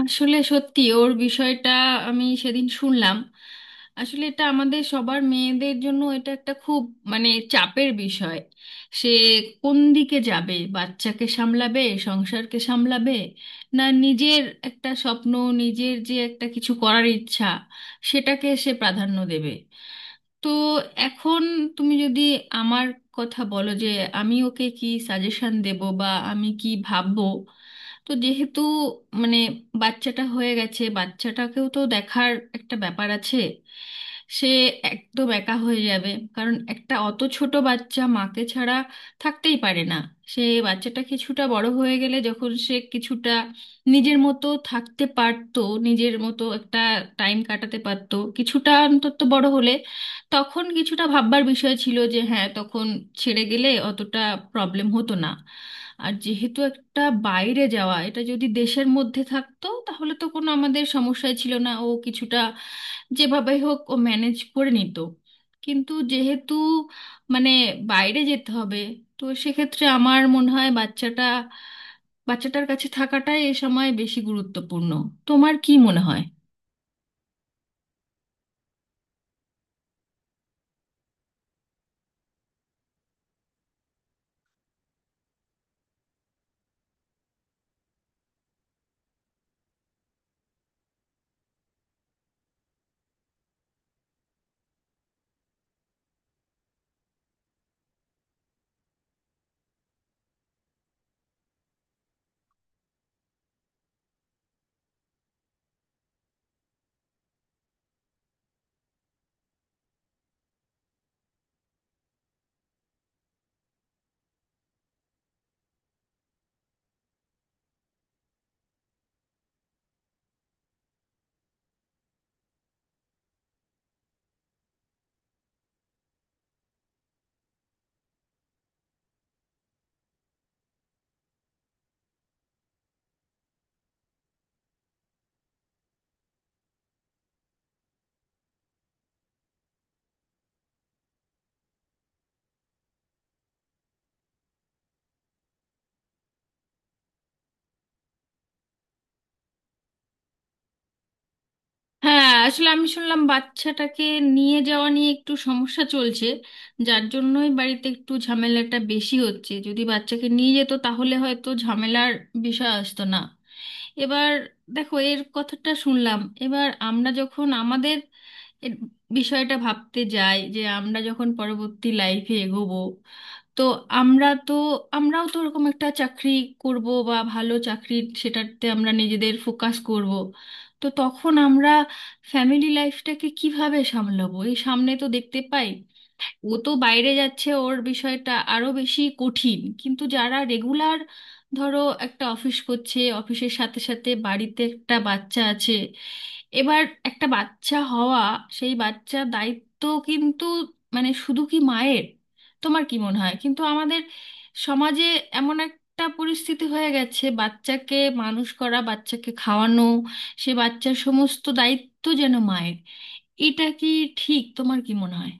আসলে সত্যি ওর বিষয়টা আমি সেদিন শুনলাম। আসলে এটা আমাদের সবার মেয়েদের জন্য এটা একটা খুব চাপের বিষয়। সে কোন দিকে যাবে, বাচ্চাকে সামলাবে, সংসারকে সামলাবে, না নিজের একটা স্বপ্ন, নিজের যে একটা কিছু করার ইচ্ছা সেটাকে সে প্রাধান্য দেবে। তো এখন তুমি যদি আমার কথা বলো যে আমি ওকে কি সাজেশন দেব বা আমি কি ভাববো, তো যেহেতু মানে বাচ্চাটা হয়ে গেছে, বাচ্চাটাকেও তো দেখার একটা ব্যাপার আছে। সে একদম একা হয়ে যাবে, কারণ একটা অত ছোট বাচ্চা মাকে ছাড়া থাকতেই পারে না। সে বাচ্চাটা কিছুটা বড় হয়ে গেলে, যখন সে কিছুটা নিজের মতো থাকতে পারতো, নিজের মতো একটা টাইম কাটাতে পারতো, কিছুটা অন্তত বড় হলে তখন কিছুটা ভাববার বিষয় ছিল যে হ্যাঁ, তখন ছেড়ে গেলে অতটা প্রবলেম হতো না। আর যেহেতু টা বাইরে যাওয়া, এটা যদি দেশের মধ্যে থাকতো তাহলে তো কোনো আমাদের সমস্যাই ছিল না, ও কিছুটা যেভাবে হোক ও ম্যানেজ করে নিত। কিন্তু যেহেতু মানে বাইরে যেতে হবে, তো সেক্ষেত্রে আমার মনে হয় বাচ্চাটার কাছে থাকাটাই এ সময় বেশি গুরুত্বপূর্ণ। তোমার কি মনে হয়? হ্যাঁ, আসলে আমি শুনলাম বাচ্চাটাকে নিয়ে যাওয়া নিয়ে একটু সমস্যা চলছে, যার জন্যই বাড়িতে একটু ঝামেলাটা বেশি হচ্ছে। যদি বাচ্চাকে নিয়ে যেত তাহলে হয়তো ঝামেলার বিষয় আসতো না। এবার দেখো এর কথাটা শুনলাম, এবার আমরা যখন আমাদের এর বিষয়টা ভাবতে যাই যে আমরা যখন পরবর্তী লাইফে এগোবো, তো আমরা তো আমরাও তো ওরকম একটা চাকরি করব বা ভালো চাকরি, সেটাতে আমরা নিজেদের ফোকাস করব। তো তখন আমরা ফ্যামিলি লাইফটাকে কিভাবে সামলাবো, এই সামনে তো দেখতে পাই ও তো বাইরে যাচ্ছে, ওর বিষয়টা আরো বেশি কঠিন। কিন্তু যারা রেগুলার ধরো একটা অফিস করছে, অফিসের সাথে সাথে বাড়িতে একটা বাচ্চা আছে, এবার একটা বাচ্চা হওয়া, সেই বাচ্চার দায়িত্ব কিন্তু শুধু কি মায়ের? তোমার কি মনে হয় কিন্তু আমাদের সমাজে এমন একটা পরিস্থিতি হয়ে গেছে, বাচ্চাকে মানুষ করা, বাচ্চাকে খাওয়ানো, সে বাচ্চার সমস্ত দায়িত্ব যেন মায়ের। এটা কি ঠিক? তোমার কি মনে হয়?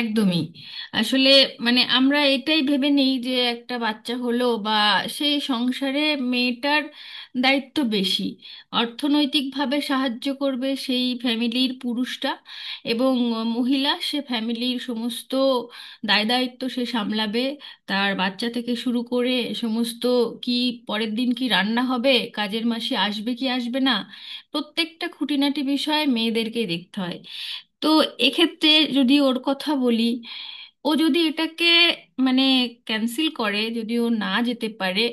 একদমই। আসলে আমরা এটাই ভেবে নেই যে একটা বাচ্চা হলো বা সেই সংসারে মেয়েটার দায়িত্ব বেশি, অর্থনৈতিকভাবে সাহায্য করবে সেই ফ্যামিলির পুরুষটা, এবং মহিলা সে ফ্যামিলির সমস্ত দায় দায়িত্ব সে সামলাবে, তার বাচ্চা থেকে শুরু করে সমস্ত কি পরের দিন কি রান্না হবে, কাজের মাসে আসবে কি আসবে না, প্রত্যেকটা খুঁটিনাটি বিষয়ে মেয়েদেরকেই দেখতে হয়। তো এক্ষেত্রে যদি ওর কথা বলি, ও যদি এটাকে মানে ক্যান্সেল করে, যদি ও না যেতে পারে,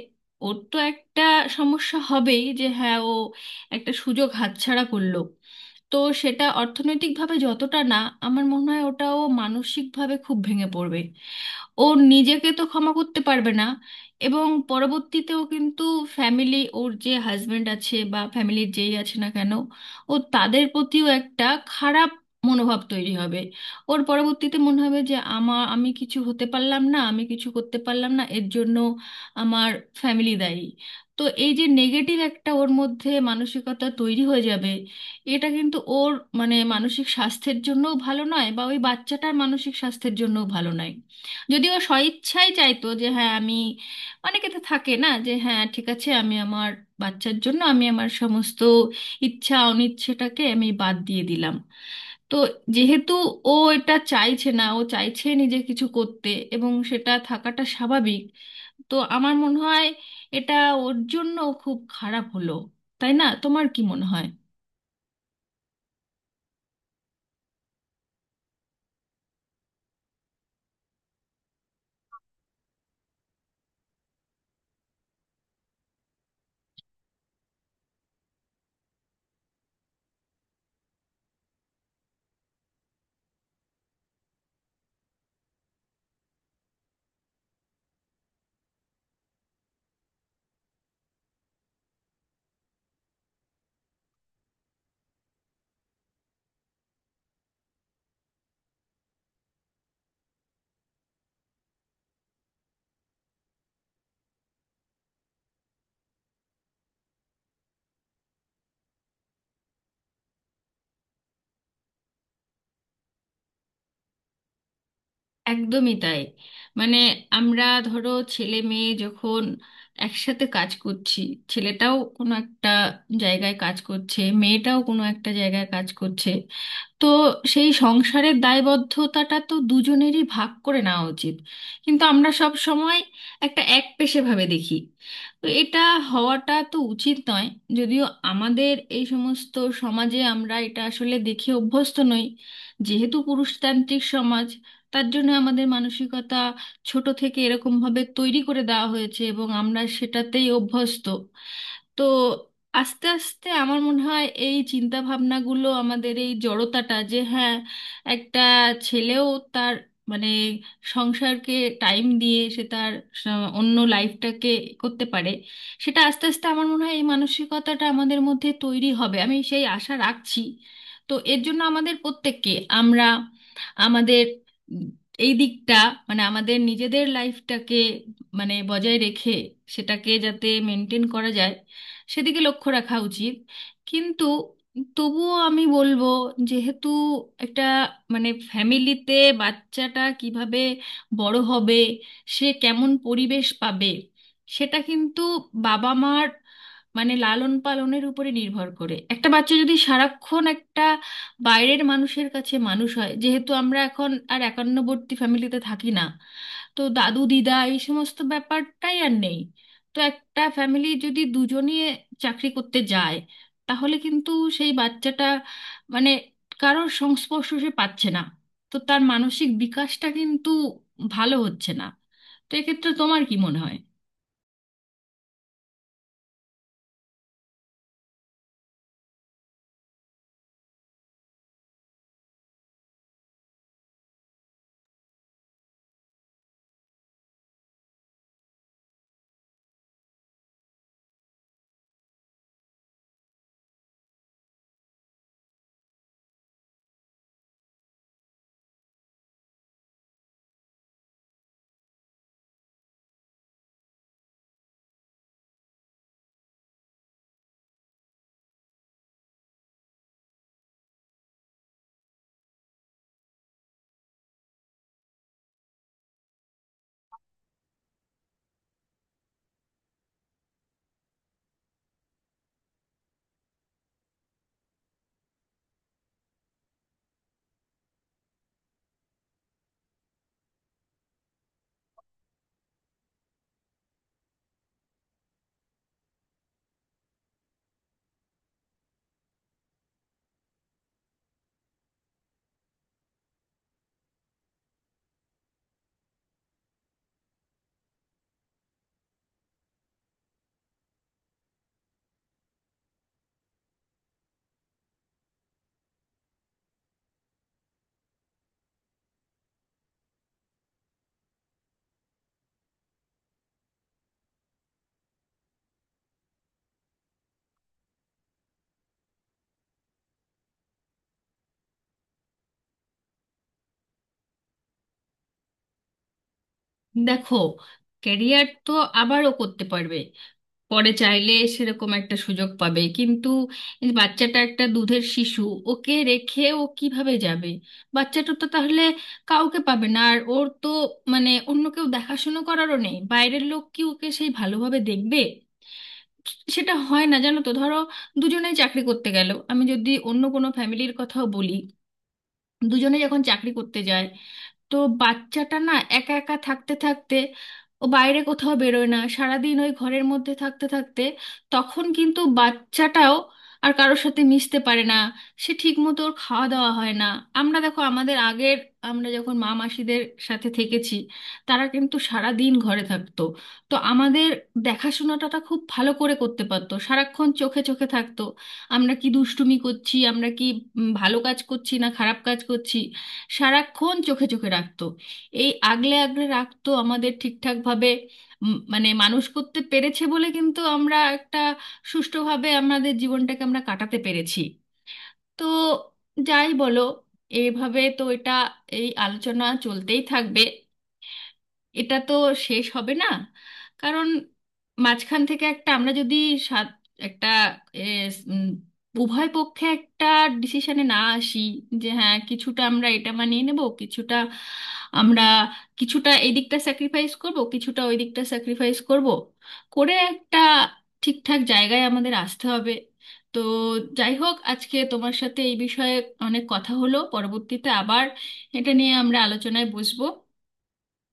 ওর তো একটা সমস্যা হবেই যে হ্যাঁ, ও একটা সুযোগ হাতছাড়া করলো। তো সেটা অর্থনৈতিকভাবে যতটা না, আমার মনে হয় ওটাও মানসিকভাবে খুব ভেঙে পড়বে। ও নিজেকে তো ক্ষমা করতে পারবে না, এবং পরবর্তীতেও কিন্তু ফ্যামিলি, ওর যে হাজবেন্ড আছে বা ফ্যামিলির যেই আছে না কেন, ও তাদের প্রতিও একটা খারাপ মনোভাব তৈরি হবে। ওর পরবর্তীতে মনে হবে যে আমি কিছু হতে পারলাম না, আমি কিছু করতে পারলাম না, এর জন্য আমার ফ্যামিলি দায়ী। তো এই যে নেগেটিভ একটা ওর মধ্যে মানসিকতা তৈরি হয়ে যাবে, এটা কিন্তু ওর মানসিক স্বাস্থ্যের জন্যও ভালো নয় বা ওই বাচ্চাটার মানসিক স্বাস্থ্যের জন্যও ভালো নয়। যদিও স্বইচ্ছাই চাইতো যে হ্যাঁ আমি, অনেকে তো থাকে না যে হ্যাঁ ঠিক আছে, আমি আমার বাচ্চার জন্য আমি আমার সমস্ত ইচ্ছা অনিচ্ছেটাকে আমি বাদ দিয়ে দিলাম। তো যেহেতু ও এটা চাইছে না, ও চাইছে নিজে কিছু করতে, এবং সেটা থাকাটা স্বাভাবিক। তো আমার মনে হয় এটা ওর জন্য খুব খারাপ হলো। তাই না? তোমার কি মনে হয়? একদমই তাই। মানে আমরা ধরো ছেলে মেয়ে যখন একসাথে কাজ করছি, ছেলেটাও কোনো একটা জায়গায় কাজ করছে, মেয়েটাও কোনো একটা জায়গায় কাজ করছে, তো সেই সংসারের দায়বদ্ধতাটা তো দুজনেরই ভাগ করে নেওয়া উচিত। কিন্তু আমরা সব সময় একটা একপেশে ভাবে দেখি। তো এটা হওয়াটা তো উচিত নয়। যদিও আমাদের এই সমস্ত সমাজে আমরা এটা আসলে দেখে অভ্যস্ত নই, যেহেতু পুরুষতান্ত্রিক সমাজ, তার জন্য আমাদের মানসিকতা ছোট থেকে এরকমভাবে তৈরি করে দেওয়া হয়েছে এবং আমরা সেটাতেই অভ্যস্ত। তো আস্তে আস্তে আমার মনে হয় এই চিন্তা ভাবনাগুলো, আমাদের এই জড়তাটা যে হ্যাঁ, একটা ছেলেও তার মানে সংসারকে টাইম দিয়ে সে তার স- অন্য লাইফটাকে করতে পারে, সেটা আস্তে আস্তে আমার মনে হয় এই মানসিকতাটা আমাদের মধ্যে তৈরি হবে, আমি সেই আশা রাখছি। তো এর জন্য আমাদের প্রত্যেককে, আমরা আমাদের উম, এই দিকটা আমাদের নিজেদের লাইফটাকে বজায় রেখে সেটাকে যাতে মেনটেন করা যায় সেদিকে লক্ষ্য রাখা উচিত। কিন্তু তবুও আমি বলবো, যেহেতু একটা ফ্যামিলিতে বাচ্চাটা কিভাবে বড় হবে, সে কেমন পরিবেশ পাবে, সেটা কিন্তু বাবা মার লালন পালনের উপরে নির্ভর করে। একটা বাচ্চা যদি সারাক্ষণ একটা বাইরের মানুষের কাছে মানুষ হয়, যেহেতু আমরা এখন আর একান্নবর্তী ফ্যামিলিতে থাকি না, তো দাদু দিদা এই সমস্ত ব্যাপারটাই আর নেই, তো একটা ফ্যামিলি যদি দুজনই চাকরি করতে যায়, তাহলে কিন্তু সেই বাচ্চাটা মানে কারোর সংস্পর্শ সে পাচ্ছে না, তো তার মানসিক বিকাশটা কিন্তু ভালো হচ্ছে না। তো এক্ষেত্রে তোমার কি মনে হয়? দেখো, ক্যারিয়ার তো আবারও করতে পারবে, পরে চাইলে সেরকম একটা সুযোগ পাবে, কিন্তু এই বাচ্চাটা একটা দুধের শিশু, ওকে রেখে ও কিভাবে যাবে? বাচ্চাটা তো তাহলে কাউকে পাবে না, আর ওর তো অন্য কেউ দেখাশুনো করারও নেই, বাইরের লোক কি ওকে সেই ভালোভাবে দেখবে? সেটা হয় না, জানো তো। ধরো দুজনেই চাকরি করতে গেল, আমি যদি অন্য কোনো ফ্যামিলির কথাও বলি, দুজনে যখন চাকরি করতে যায়, তো বাচ্চাটা না একা একা থাকতে থাকতে, ও বাইরে কোথাও বেরোয় না, সারাদিন ওই ঘরের মধ্যে থাকতে থাকতে, তখন কিন্তু বাচ্চাটাও আর কারোর সাথে মিশতে পারে না, সে ঠিক মতো ওর খাওয়া দাওয়া হয় না। আমরা দেখো আমাদের আগের, আমরা যখন মা মাসিদের সাথে থেকেছি, তারা কিন্তু সারা দিন ঘরে থাকতো, তো আমাদের দেখাশোনাটা খুব ভালো করে করতে পারতো, সারাক্ষণ চোখে চোখে থাকতো। আমরা কি দুষ্টুমি করছি, আমরা কি ভালো কাজ করছি না খারাপ কাজ করছি, সারাক্ষণ চোখে চোখে রাখতো, এই আগলে আগলে রাখতো আমাদের ঠিকঠাকভাবে উম, মানে মানুষ করতে পেরেছে বলে কিন্তু আমরা একটা সুষ্ঠুভাবে আমাদের জীবনটাকে আমরা কাটাতে পেরেছি। তো যাই বলো, এইভাবে তো এটা এই আলোচনা চলতেই থাকবে, এটা তো শেষ হবে না, কারণ মাঝখান থেকে একটা আমরা যদি সাত একটা এ, উম, উভয় পক্ষে একটা ডিসিশনে না আসি যে হ্যাঁ কিছুটা আমরা এটা মানিয়ে নেব, কিছুটা আমরা কিছুটা এই দিকটা স্যাক্রিফাইস করব, কিছুটা ওই দিকটা স্যাক্রিফাইস করব, করে একটা ঠিকঠাক জায়গায় আমাদের আসতে হবে। তো যাই হোক, আজকে তোমার সাথে এই বিষয়ে অনেক কথা হলো, পরবর্তীতে আবার এটা নিয়ে আমরা আলোচনায় বসবো।